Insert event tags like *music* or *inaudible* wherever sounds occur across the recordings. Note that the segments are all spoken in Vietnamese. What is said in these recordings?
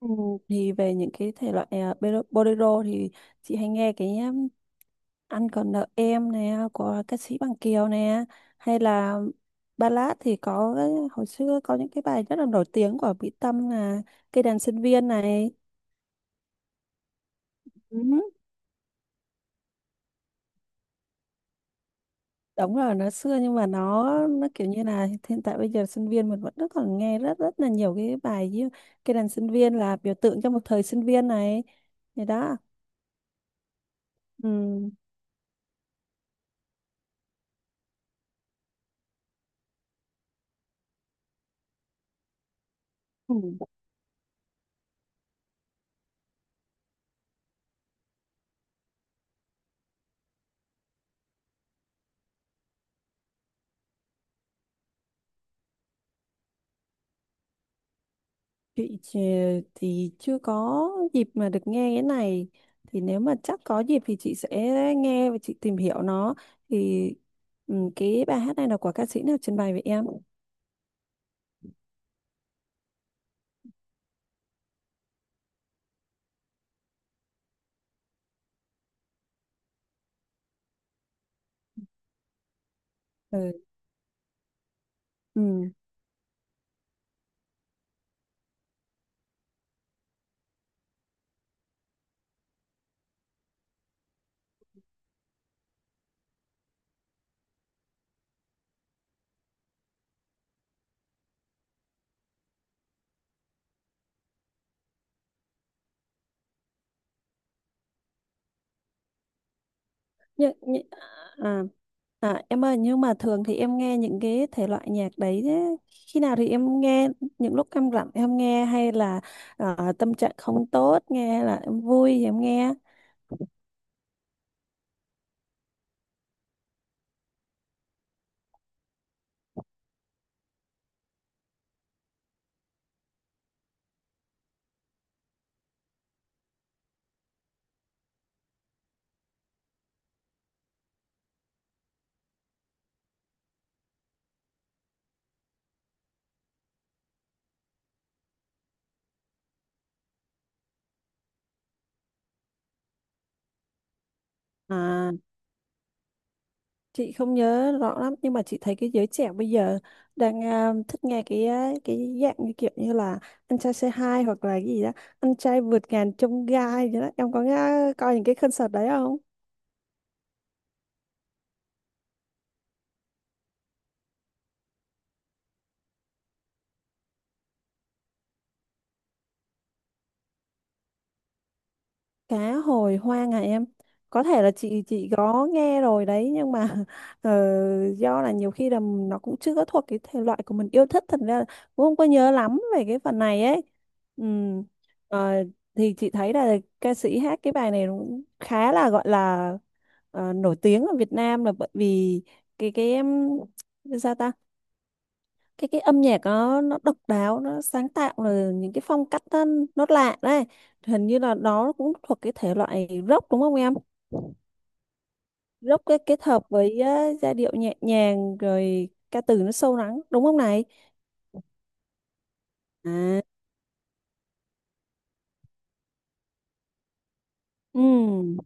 Ừ, thì về những cái thể loại à, bolero thì chị hay nghe cái Anh còn nợ em nè của ca sĩ Bằng Kiều nè, hay là ballad thì hồi xưa có những cái bài rất là nổi tiếng của Mỹ Tâm là Cây đàn sinh viên này. Ừ. Đúng rồi, nó xưa nhưng mà nó kiểu như là hiện tại bây giờ sinh viên mình vẫn rất còn nghe rất rất là nhiều cái bài như cái đàn sinh viên là biểu tượng cho một thời sinh viên này, thì đó. Ừ. Ừ. Chị thì chưa có dịp mà được nghe cái này, thì nếu mà chắc có dịp thì chị sẽ nghe và chị tìm hiểu nó thì ừ, cái bài hát này là của ca sĩ nào trình bày vậy em? Ừ. Ừ. Nhưng, à, à em ơi, nhưng mà thường thì em nghe những cái thể loại nhạc đấy, thế khi nào thì em nghe, những lúc em rảnh em nghe hay là tâm trạng không tốt nghe hay là em vui thì em nghe? À, chị không nhớ rõ lắm nhưng mà chị thấy cái giới trẻ bây giờ đang à, thích nghe cái à, cái dạng như kiểu như là anh trai say hi hoặc là cái gì đó, anh trai vượt ngàn chông gai gì đó, em có nghe, coi những cái concert đấy không? Cá hồi hoang hả em? Có thể là chị có nghe rồi đấy nhưng mà *laughs* ờ, do là nhiều khi là nó cũng chưa có thuộc cái thể loại của mình yêu thích, thành ra là cũng không có nhớ lắm về cái phần này ấy. Ừm, ờ, thì chị thấy là ca sĩ hát cái bài này nó cũng khá là gọi là ờ, nổi tiếng ở Việt Nam là bởi vì cái em, sao ta, cái âm nhạc nó độc đáo, nó sáng tạo, rồi những cái phong cách nó lạ đấy. Hình như là đó cũng thuộc cái thể loại rock đúng không em? Rock cái kết hợp với á, giai điệu nhẹ nhàng rồi ca từ nó sâu lắng đúng không này? À, ừm,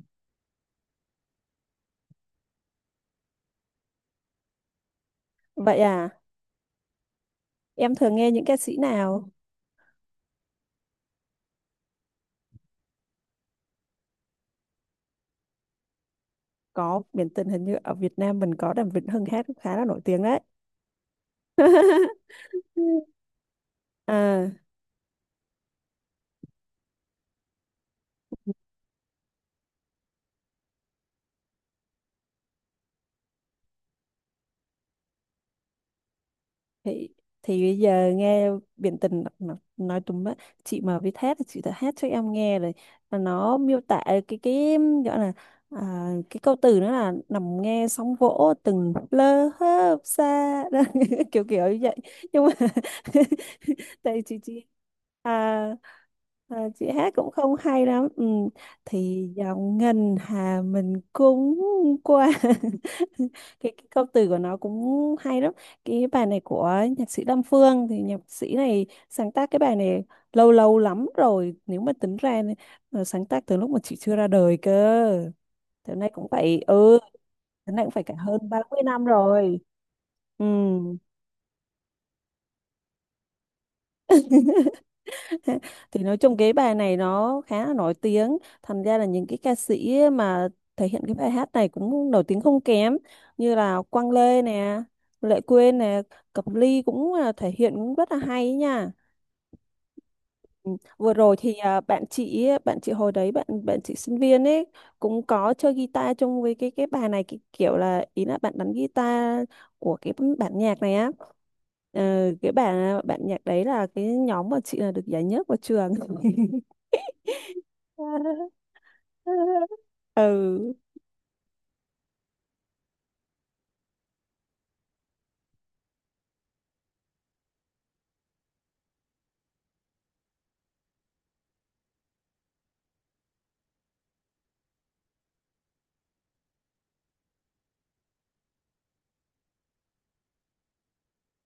vậy à, em thường nghe những ca sĩ nào? Có, biển tình hình như ở Việt Nam mình có Đàm Vĩnh Hưng hát cũng khá là nổi tiếng đấy. *laughs* À, thì thì bây giờ nghe biển tình mà nói tùm á, chị mà biết hát thì chị đã hát cho em nghe rồi, mà nó miêu tả cái, gọi là à, cái câu từ nó là nằm nghe sóng vỗ từng lơ hớp xa đó, *laughs* kiểu kiểu như vậy, nhưng mà *laughs* tại chị à, à, chị hát cũng không hay lắm, ừ, thì dòng ngân hà mình cũng qua *laughs* cái câu từ của nó cũng hay lắm. Cái bài này của nhạc sĩ Đan Phương, thì nhạc sĩ này sáng tác cái bài này lâu lâu lắm rồi, nếu mà tính ra ờ, sáng tác từ lúc mà chị chưa ra đời cơ, thế nay cũng phải, ừ, thế nay cũng phải cả hơn 30 năm rồi. Ừ. *laughs* Thì nói chung cái bài này nó khá là nổi tiếng, thành ra là những cái ca sĩ mà thể hiện cái bài hát này cũng nổi tiếng không kém, như là Quang Lê nè, Lệ Quyên nè, Cẩm Ly cũng là thể hiện cũng rất là hay nha. Ừ, vừa rồi thì à, bạn chị hồi đấy bạn bạn chị sinh viên ấy, cũng có chơi guitar chung với cái bài này, cái kiểu là ý là bạn đánh guitar của cái bản nhạc này á. Ờ, cái bản nhạc đấy là cái nhóm mà chị là được giải nhất của trường. *laughs* Ừ.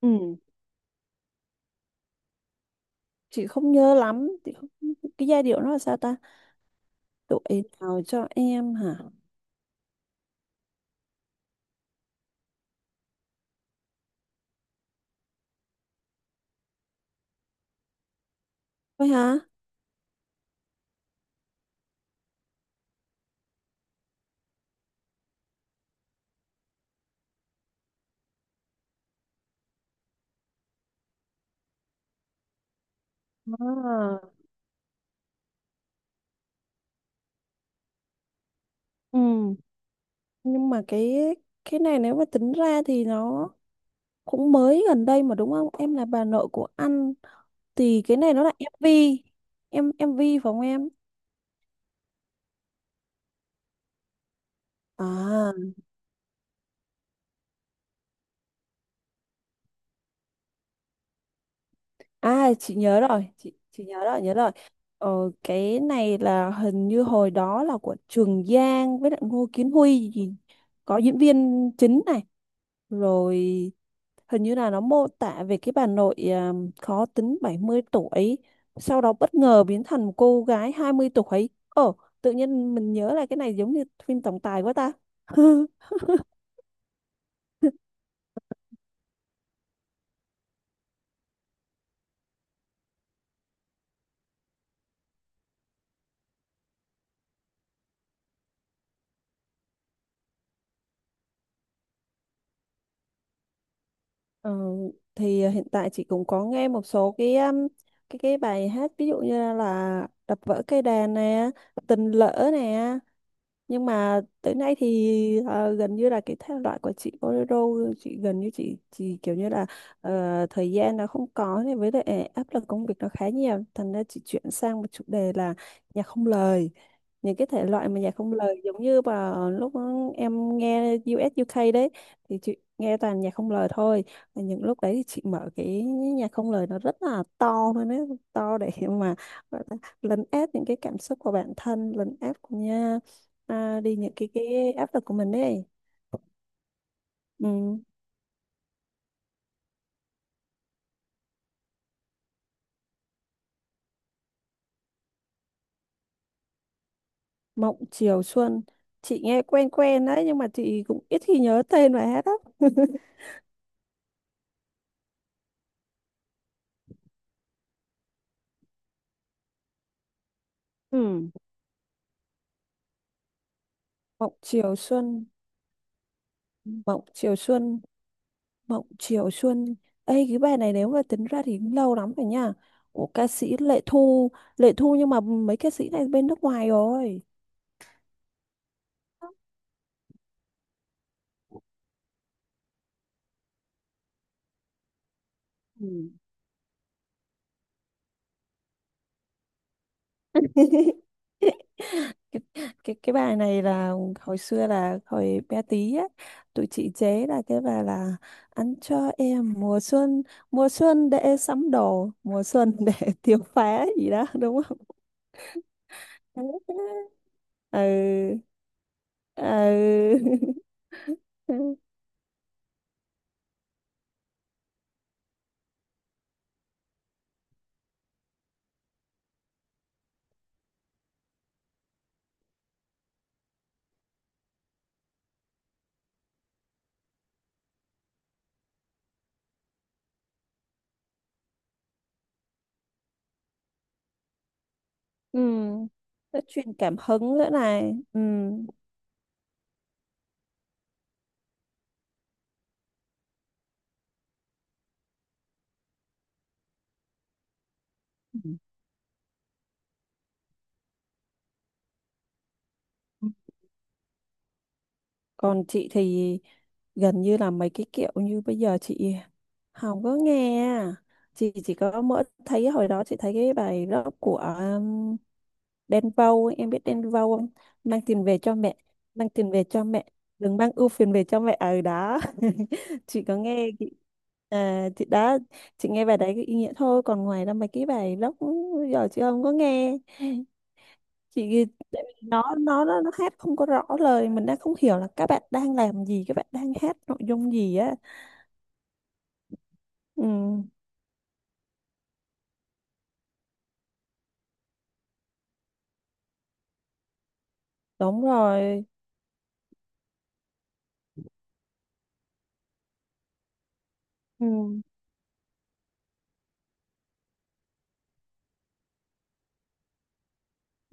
Ừ. Chị không nhớ lắm, chị không, cái giai điệu nó là sao ta, tuổi nào cho em hả? Thôi hả? À, ừ, nhưng mà cái này nếu mà tính ra thì nó cũng mới gần đây mà, đúng không em, là bà nội của anh, thì cái này nó là MV em, MV phải không em? À. À chị nhớ rồi, chị nhớ rồi, nhớ rồi. Ờ, cái này là hình như hồi đó là của Trường Giang với lại Ngô Kiến Huy gì, có diễn viên chính này, rồi hình như là nó mô tả về cái bà nội à, khó tính 70 tuổi, sau đó bất ngờ biến thành một cô gái 20 tuổi. Ồ, tự nhiên mình nhớ là cái này giống như phim tổng tài quá ta. *laughs* Ờ, thì à, hiện tại chị cũng có nghe một số cái bài hát ví dụ như là đập vỡ cây đàn nè, tình lỡ nè, nhưng mà tới nay thì ờ, gần như là cái thể loại của chị bolero, chị gần như chị kiểu như là ờ, thời gian nó không có này, với lại áp lực công việc nó khá nhiều, thành ra chị chuyển sang một chủ đề là nhạc không lời, những cái thể loại mà nhạc không lời giống như vào lúc em nghe US UK đấy, thì chị nghe toàn nhạc không lời thôi. Và những lúc đấy thì chị mở cái nhạc không lời nó rất là to thôi, nó to để *laughs* mà gọi là lấn át những cái cảm xúc của bản thân, lấn át của à, đi những cái áp lực của mình ấy. Ừ. Mộng Chiều Xuân, chị nghe quen quen đấy nhưng mà chị cũng ít khi nhớ tên bài hát lắm. *laughs* Ừ. Mộng Chiều Xuân, Mộng Chiều Xuân, Mộng Chiều Xuân. Ê cái bài này nếu mà tính ra thì cũng lâu lắm rồi nha, của ca sĩ Lệ Thu, Lệ Thu, nhưng mà mấy ca sĩ này bên nước ngoài rồi. *laughs* Ừ. Cái bài này là hồi xưa là hồi bé tí á, tụi chị chế là cái bài là ăn cho em mùa xuân, mùa xuân để sắm đồ, mùa xuân để *laughs* tiêu phá gì đó đúng không? *laughs* Ừ. Ừ. *laughs* Ừ, nó truyền cảm hứng nữa này, ừ, còn chị thì gần như là mấy cái kiểu như bây giờ chị không có nghe, chị chỉ có mỗi thấy hồi đó chị thấy cái bài rap của Đen Vâu ấy, em biết Đen Vâu không, mang tiền về cho mẹ, mang tiền về cho mẹ, đừng mang ưu phiền về cho mẹ ở đó. *laughs* Chị có nghe chị, à, chị đã, chị nghe bài đấy cái ý nghĩa thôi, còn ngoài ra mấy cái bài rock giờ chị không có nghe chị, tại vì nó nó hát không có rõ lời, mình đang không hiểu là các bạn đang làm gì, các bạn đang hát nội dung gì á. Ừ. Đúng rồi. Ừ,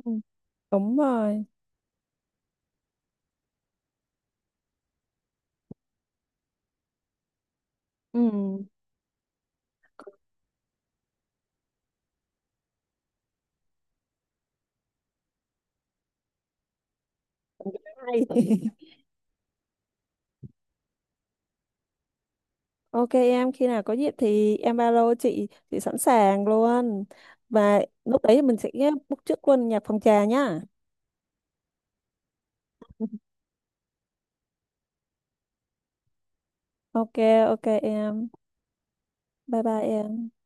ừ, đúng rồi. Ừ. Cũng hay. *laughs* Ok em, khi nào có dịp thì em ba lô, chị sẵn sàng luôn, và lúc đấy mình sẽ book trước luôn nhạc phòng trà nhá. Ok. Ok em, bye bye em.